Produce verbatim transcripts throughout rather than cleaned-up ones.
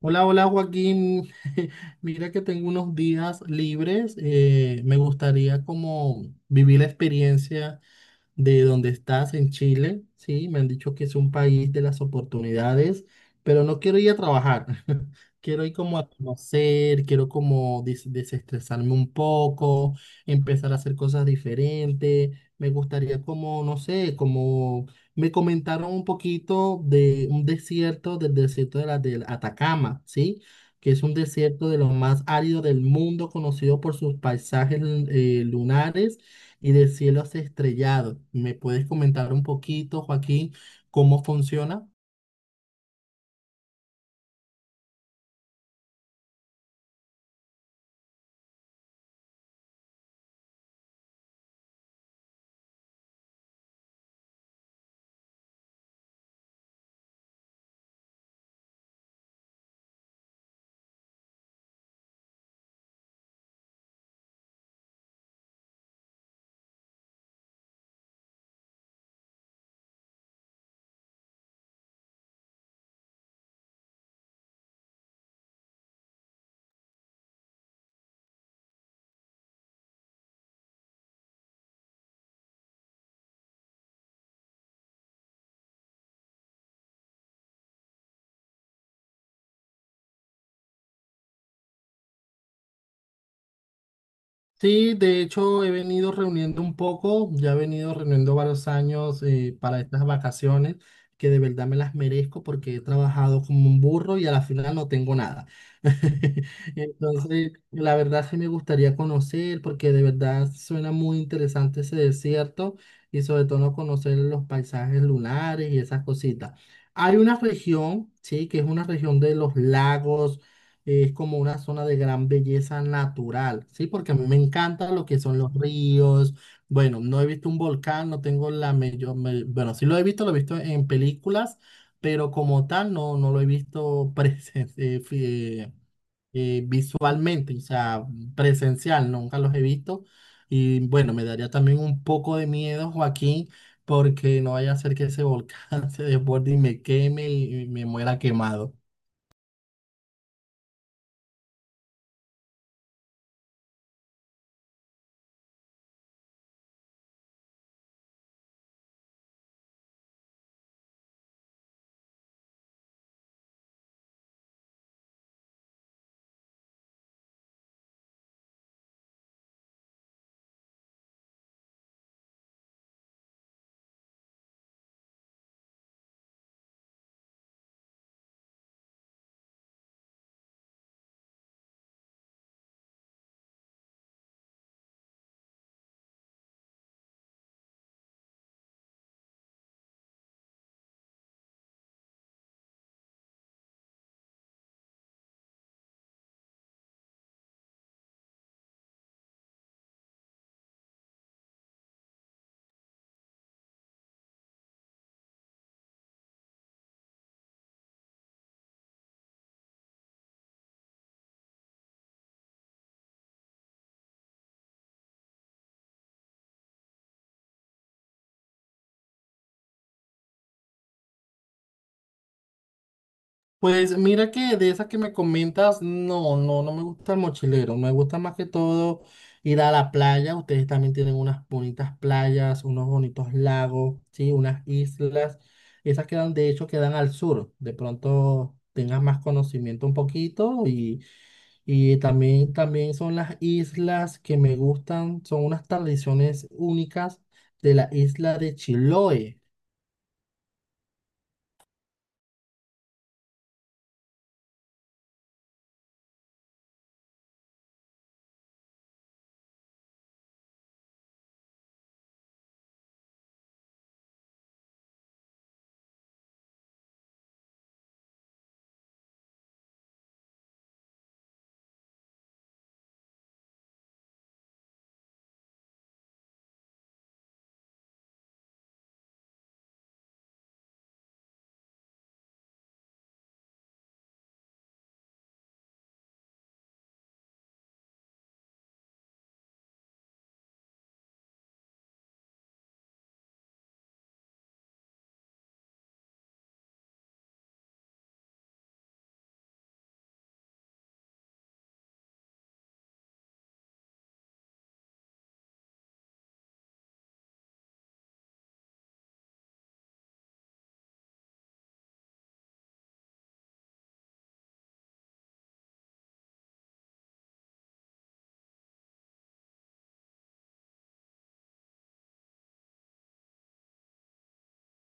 Hola, hola Joaquín. Mira que tengo unos días libres. Eh, me gustaría como vivir la experiencia de donde estás en Chile. Sí, me han dicho que es un país de las oportunidades, pero no quiero ir a trabajar. Quiero ir como a conocer, quiero como des- desestresarme un poco, empezar a hacer cosas diferentes. Me gustaría como, no sé, como me comentaron un poquito de un desierto, del desierto de la del Atacama, ¿sí? Que es un desierto de los más áridos del mundo, conocido por sus paisajes eh, lunares y de cielos estrellados. ¿Me puedes comentar un poquito, Joaquín, cómo funciona? Sí, de hecho he venido reuniendo un poco, ya he venido reuniendo varios años, eh, para estas vacaciones que de verdad me las merezco porque he trabajado como un burro y a la final no tengo nada. Entonces, la verdad sí me gustaría conocer porque de verdad suena muy interesante ese desierto y sobre todo conocer los paisajes lunares y esas cositas. Hay una región, sí, que es una región de los lagos. Es como una zona de gran belleza natural, ¿sí? Porque a mí me encanta lo que son los ríos. Bueno, no he visto un volcán, no tengo la mayor... me- Bueno, sí lo he visto, lo he visto en películas, pero como tal no, no lo he visto presen- eh, fi- eh, eh, visualmente, o sea, presencial, nunca los he visto. Y bueno, me daría también un poco de miedo, Joaquín, porque no vaya a ser que ese volcán se desborde y me queme y y me muera quemado. Pues mira que de esas que me comentas, no, no, no me gusta el mochilero, me gusta más que todo ir a la playa. Ustedes también tienen unas bonitas playas, unos bonitos lagos, sí, unas islas. Esas quedan, de hecho, quedan al sur, de pronto tengas más conocimiento un poquito y, y también, también son las islas que me gustan, son unas tradiciones únicas de la isla de Chiloé.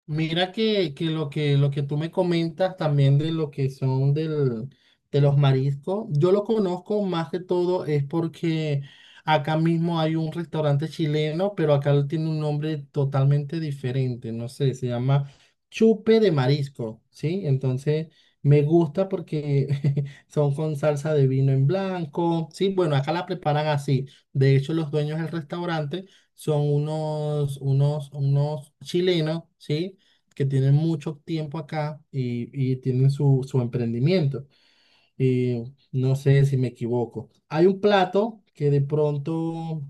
Mira que, que lo que lo que tú me comentas también de lo que son del, de los mariscos, yo lo conozco más que todo es porque acá mismo hay un restaurante chileno, pero acá lo tiene un nombre totalmente diferente, no sé, se llama Chupe de Marisco, ¿sí? Entonces me gusta porque son con salsa de vino en blanco, ¿sí? Bueno, acá la preparan así. De hecho, los dueños del restaurante son unos, unos, unos chilenos, ¿sí? Que tienen mucho tiempo acá y, y tienen su, su emprendimiento. Y no sé si me equivoco. Hay un plato que de pronto,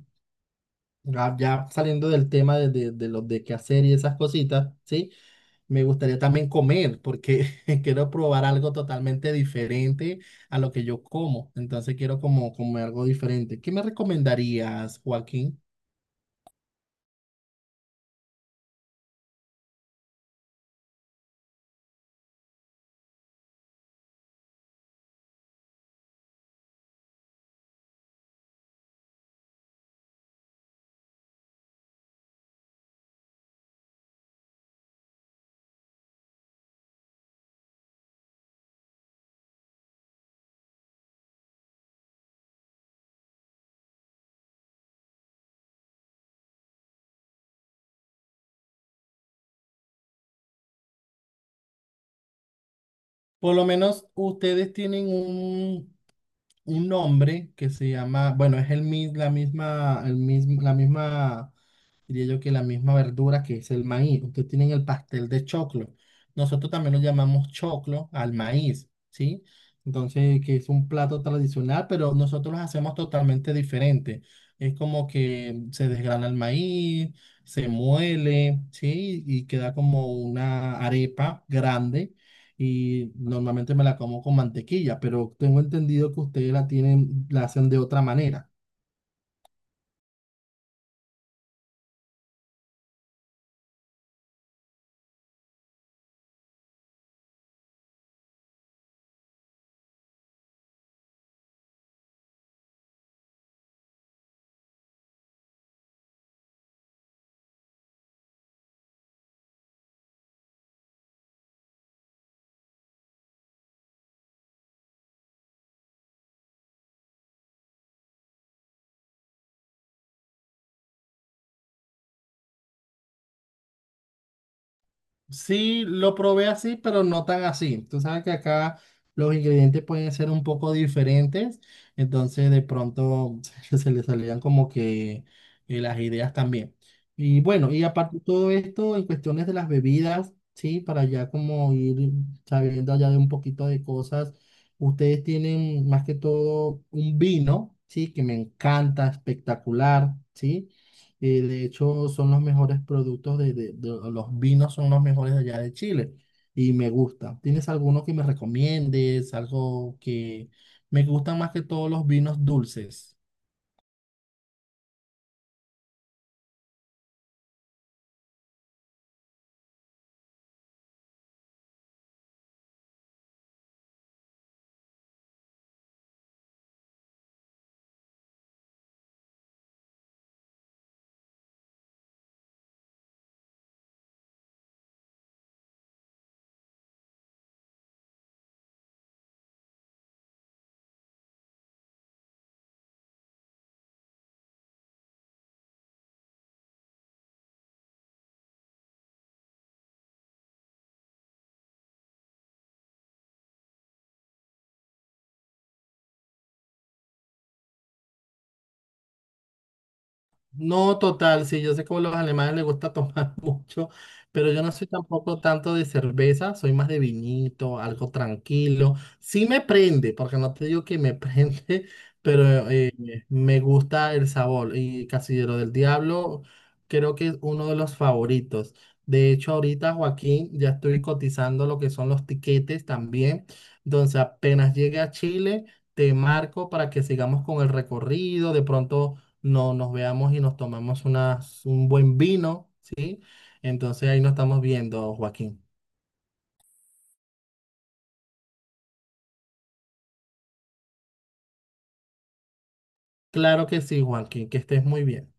ya ya saliendo del tema de, de, de los de qué hacer y esas cositas, ¿sí? Me gustaría también comer porque quiero probar algo totalmente diferente a lo que yo como. Entonces quiero como comer algo diferente. ¿Qué me recomendarías, Joaquín? Por lo menos ustedes tienen un, un hombre que se llama, bueno, es el, mis- la misma, el mismo, la misma diría yo que la misma verdura que es el maíz. Ustedes tienen el pastel de choclo. Nosotros también lo llamamos choclo al maíz, ¿sí? Entonces, que es un plato tradicional, pero nosotros lo hacemos totalmente diferente. Es como que se desgrana el maíz, se muele, ¿sí? Y queda como una arepa grande. Y normalmente me la como con mantequilla, pero tengo entendido que ustedes la tienen, la hacen de otra manera. Sí, lo probé así, pero no tan así. Tú sabes que acá los ingredientes pueden ser un poco diferentes, entonces de pronto se le salían como que eh, las ideas también. Y bueno, y aparte de todo esto, en cuestiones de las bebidas, sí, para ya como ir sabiendo allá de un poquito de cosas, ustedes tienen más que todo un vino, sí, que me encanta, espectacular, sí. Y de hecho son los mejores productos de, de- de- los vinos son los mejores de allá de Chile. Y me gusta. ¿Tienes alguno que me recomiendes? Algo que me gusta más que todos los vinos dulces. No, total, sí, yo sé que a los alemanes les gusta tomar mucho, pero yo no soy tampoco tanto de cerveza, soy más de vinito, algo tranquilo. Sí me prende, porque no te digo que me prende, pero eh, me gusta el sabor. Y Casillero del Diablo creo que es uno de los favoritos. De hecho, ahorita, Joaquín, ya estoy cotizando lo que son los tiquetes también. Entonces, apenas llegue a Chile, te marco para que sigamos con el recorrido, de pronto no, nos veamos y nos tomamos unas, un buen vino. Entonces ahí nos estamos viendo, Joaquín. Claro que sí, Joaquín, que estés muy bien.